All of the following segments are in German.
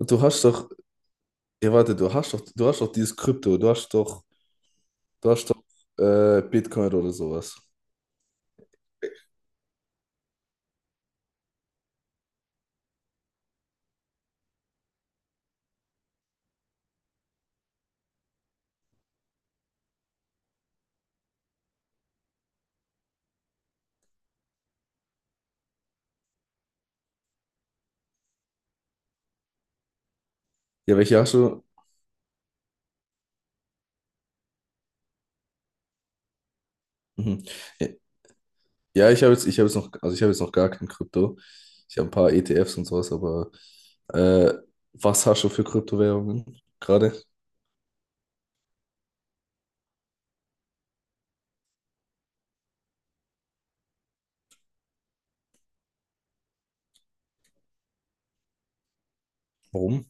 Du hast doch, du hast doch dieses Krypto, du hast doch Bitcoin oder sowas. Ja, welche hast du? Mhm. Ja, ja, ich habe jetzt noch, also ich habe jetzt noch gar kein Krypto. Ich habe ein paar ETFs und sowas, aber äh, was hast du für Kryptowährungen gerade? Warum?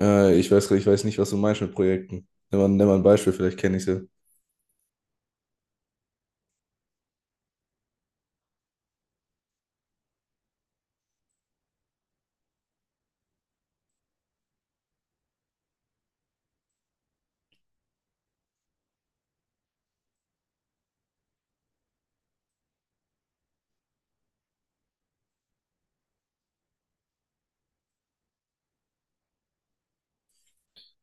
Ich weiß nicht, was du meinst mit Projekten. Nimm mal ein Beispiel, vielleicht kenne ich sie.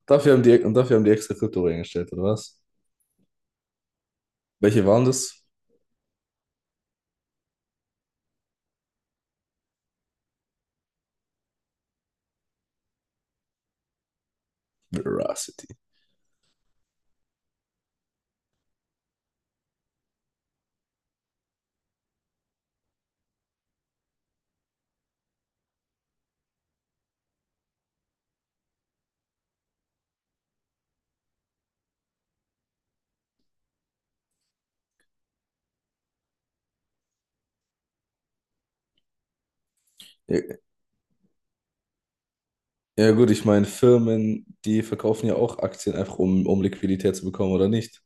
Und dafür haben die extra Krypto reingestellt, oder was? Welche waren das? Veracity. Ja, ja gut, ich meine, Firmen, die verkaufen ja auch Aktien einfach, um Liquidität zu bekommen, oder nicht?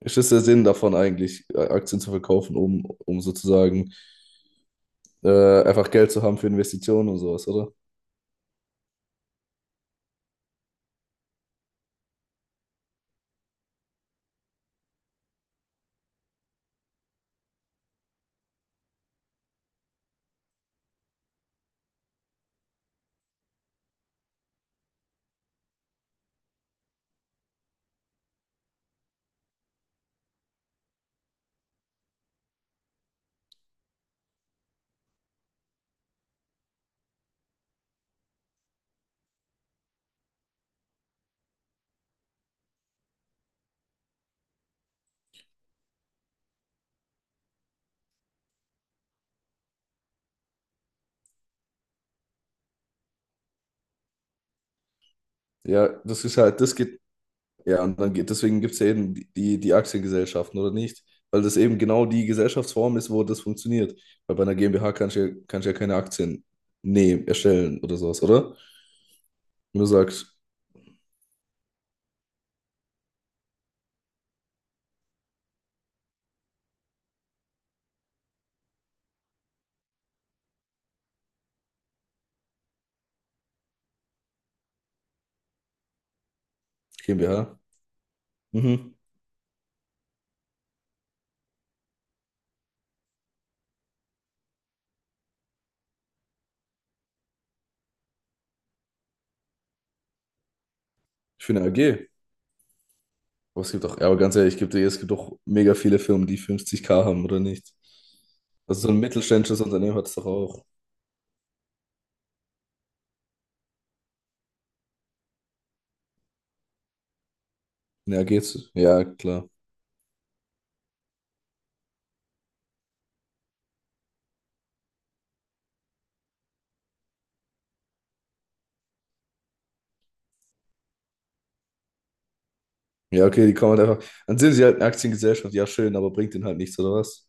Ist das der Sinn davon eigentlich, Aktien zu verkaufen, um sozusagen einfach Geld zu haben für Investitionen und sowas, oder? Ja, das ist halt, das geht, ja, und dann geht, deswegen gibt es ja eben die die Aktiengesellschaften, oder nicht? Weil das eben genau die Gesellschaftsform ist, wo das funktioniert. Weil bei einer GmbH kannst du ja keine Aktien nehmen, erstellen oder sowas, oder? Wenn du sagst, GmbH, mhm, ich finde eine AG. Aber es gibt auch, ja, aber ganz ehrlich, ich geb dir, es gibt doch mega viele Firmen, die 50K haben oder nicht. Also so ein mittelständisches Unternehmen hat es doch auch. Ja, geht's. Ja, klar. Ja, okay, die kommen halt einfach. Dann sind sie halt eine Aktiengesellschaft, ja, schön, aber bringt denen halt nichts, oder was?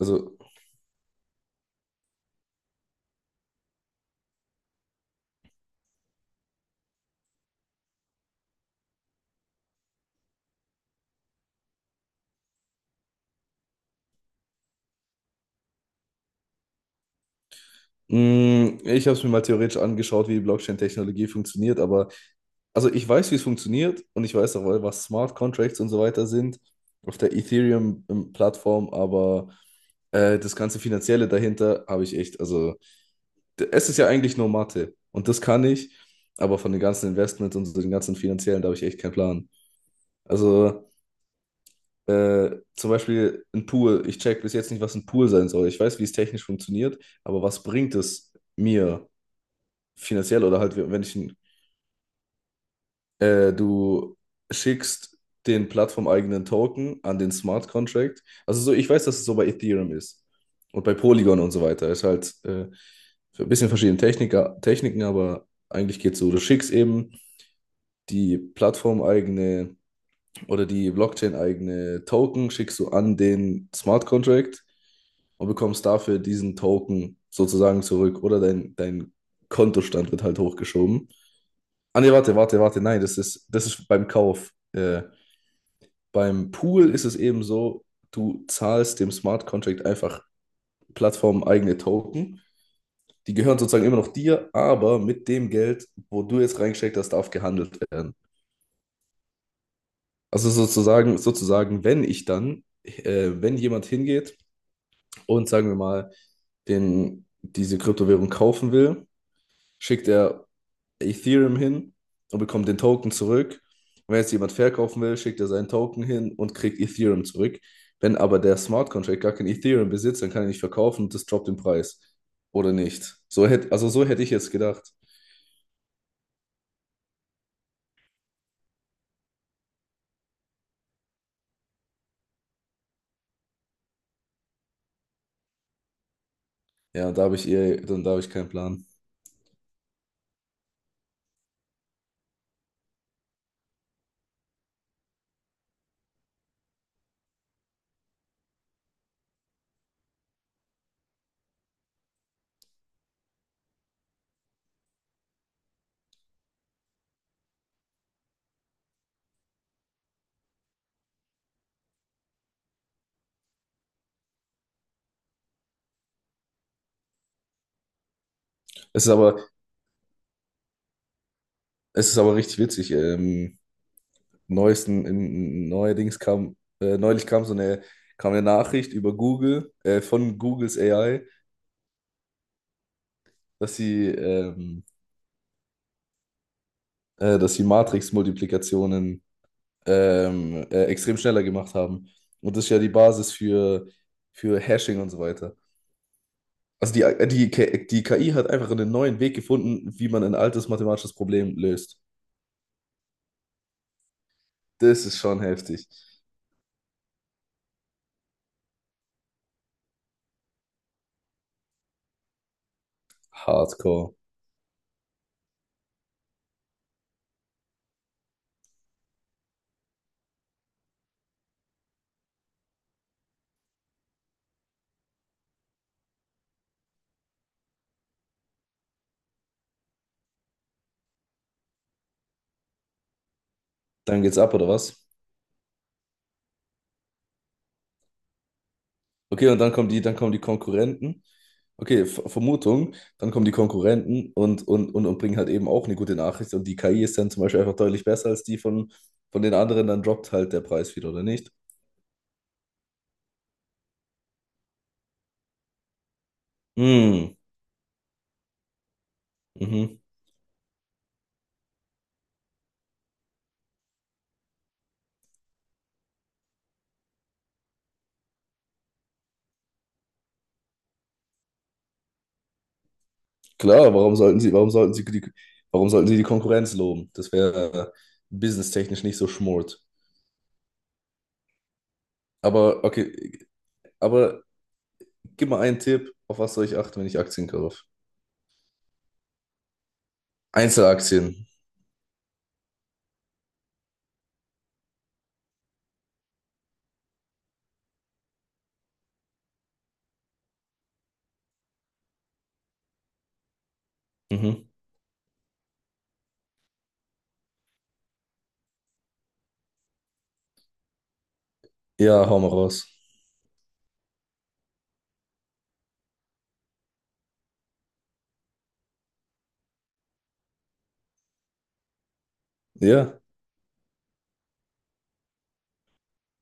Also, mh, ich habe es mir mal theoretisch angeschaut, wie die Blockchain-Technologie funktioniert, aber also ich weiß, wie es funktioniert und ich weiß auch, was Smart Contracts und so weiter sind auf der Ethereum-Plattform, aber das ganze Finanzielle dahinter habe ich echt, also. Es ist ja eigentlich nur Mathe und das kann ich, aber von den ganzen Investments und so den ganzen finanziellen, da habe ich echt keinen Plan. Also zum Beispiel ein Pool. Ich check bis jetzt nicht, was ein Pool sein soll. Ich weiß, wie es technisch funktioniert, aber was bringt es mir finanziell oder halt, wenn ich ein, du schickst den plattformeigenen Token an den Smart Contract. Also so, ich weiß, dass es so bei Ethereum ist und bei Polygon und so weiter. Ist halt ein bisschen verschiedene Techniken, aber eigentlich geht es so, du schickst eben die plattformeigene oder die Blockchain-eigene Token schickst du an den Smart Contract und bekommst dafür diesen Token sozusagen zurück oder dein Kontostand wird halt hochgeschoben. Ah nee, warte, nein, das ist beim Kauf. Beim Pool ist es eben so, du zahlst dem Smart Contract einfach plattformeigene Token. Die gehören sozusagen immer noch dir, aber mit dem Geld, wo du jetzt reingesteckt hast, darf gehandelt werden. Also sozusagen, wenn ich dann, wenn jemand hingeht und sagen wir mal, diese Kryptowährung kaufen will, schickt er Ethereum hin und bekommt den Token zurück. Wenn jetzt jemand verkaufen will, schickt er seinen Token hin und kriegt Ethereum zurück. Wenn aber der Smart Contract gar kein Ethereum besitzt, dann kann er nicht verkaufen und das droppt den Preis. Oder nicht. Also so hätte ich jetzt gedacht. Ja, da habe ich eher, dann da habe ich keinen Plan. Es ist aber, Es ist aber richtig witzig. Neuesten, in, neuerdings kam, Neulich kam kam eine Nachricht über Google, von Googles AI, dass sie, ähm, dass sie Matrix-Multiplikationen extrem schneller gemacht haben. Und das ist ja die Basis für Hashing und so weiter. Die KI hat einfach einen neuen Weg gefunden, wie man ein altes mathematisches Problem löst. Das ist schon heftig. Hardcore. Dann geht's ab, oder was? Okay, dann kommen die Konkurrenten. Okay, Vermutung, dann kommen die Konkurrenten und bringen halt eben auch eine gute Nachricht. Und die KI ist dann zum Beispiel einfach deutlich besser als die von den anderen, dann droppt halt der Preis wieder, oder nicht? Hm, mhm. Klar, warum sollten sie die Konkurrenz loben? Das wäre businesstechnisch nicht so schmort. Aber okay, aber gib mal einen Tipp, auf was soll ich achten, wenn ich Aktien kaufe? Einzelaktien. Mhm. Ja, hau mal raus. Ja.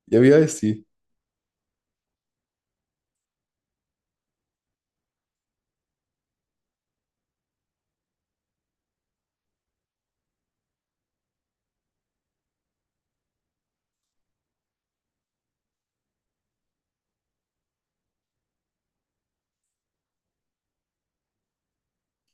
Ja, wie heißt die?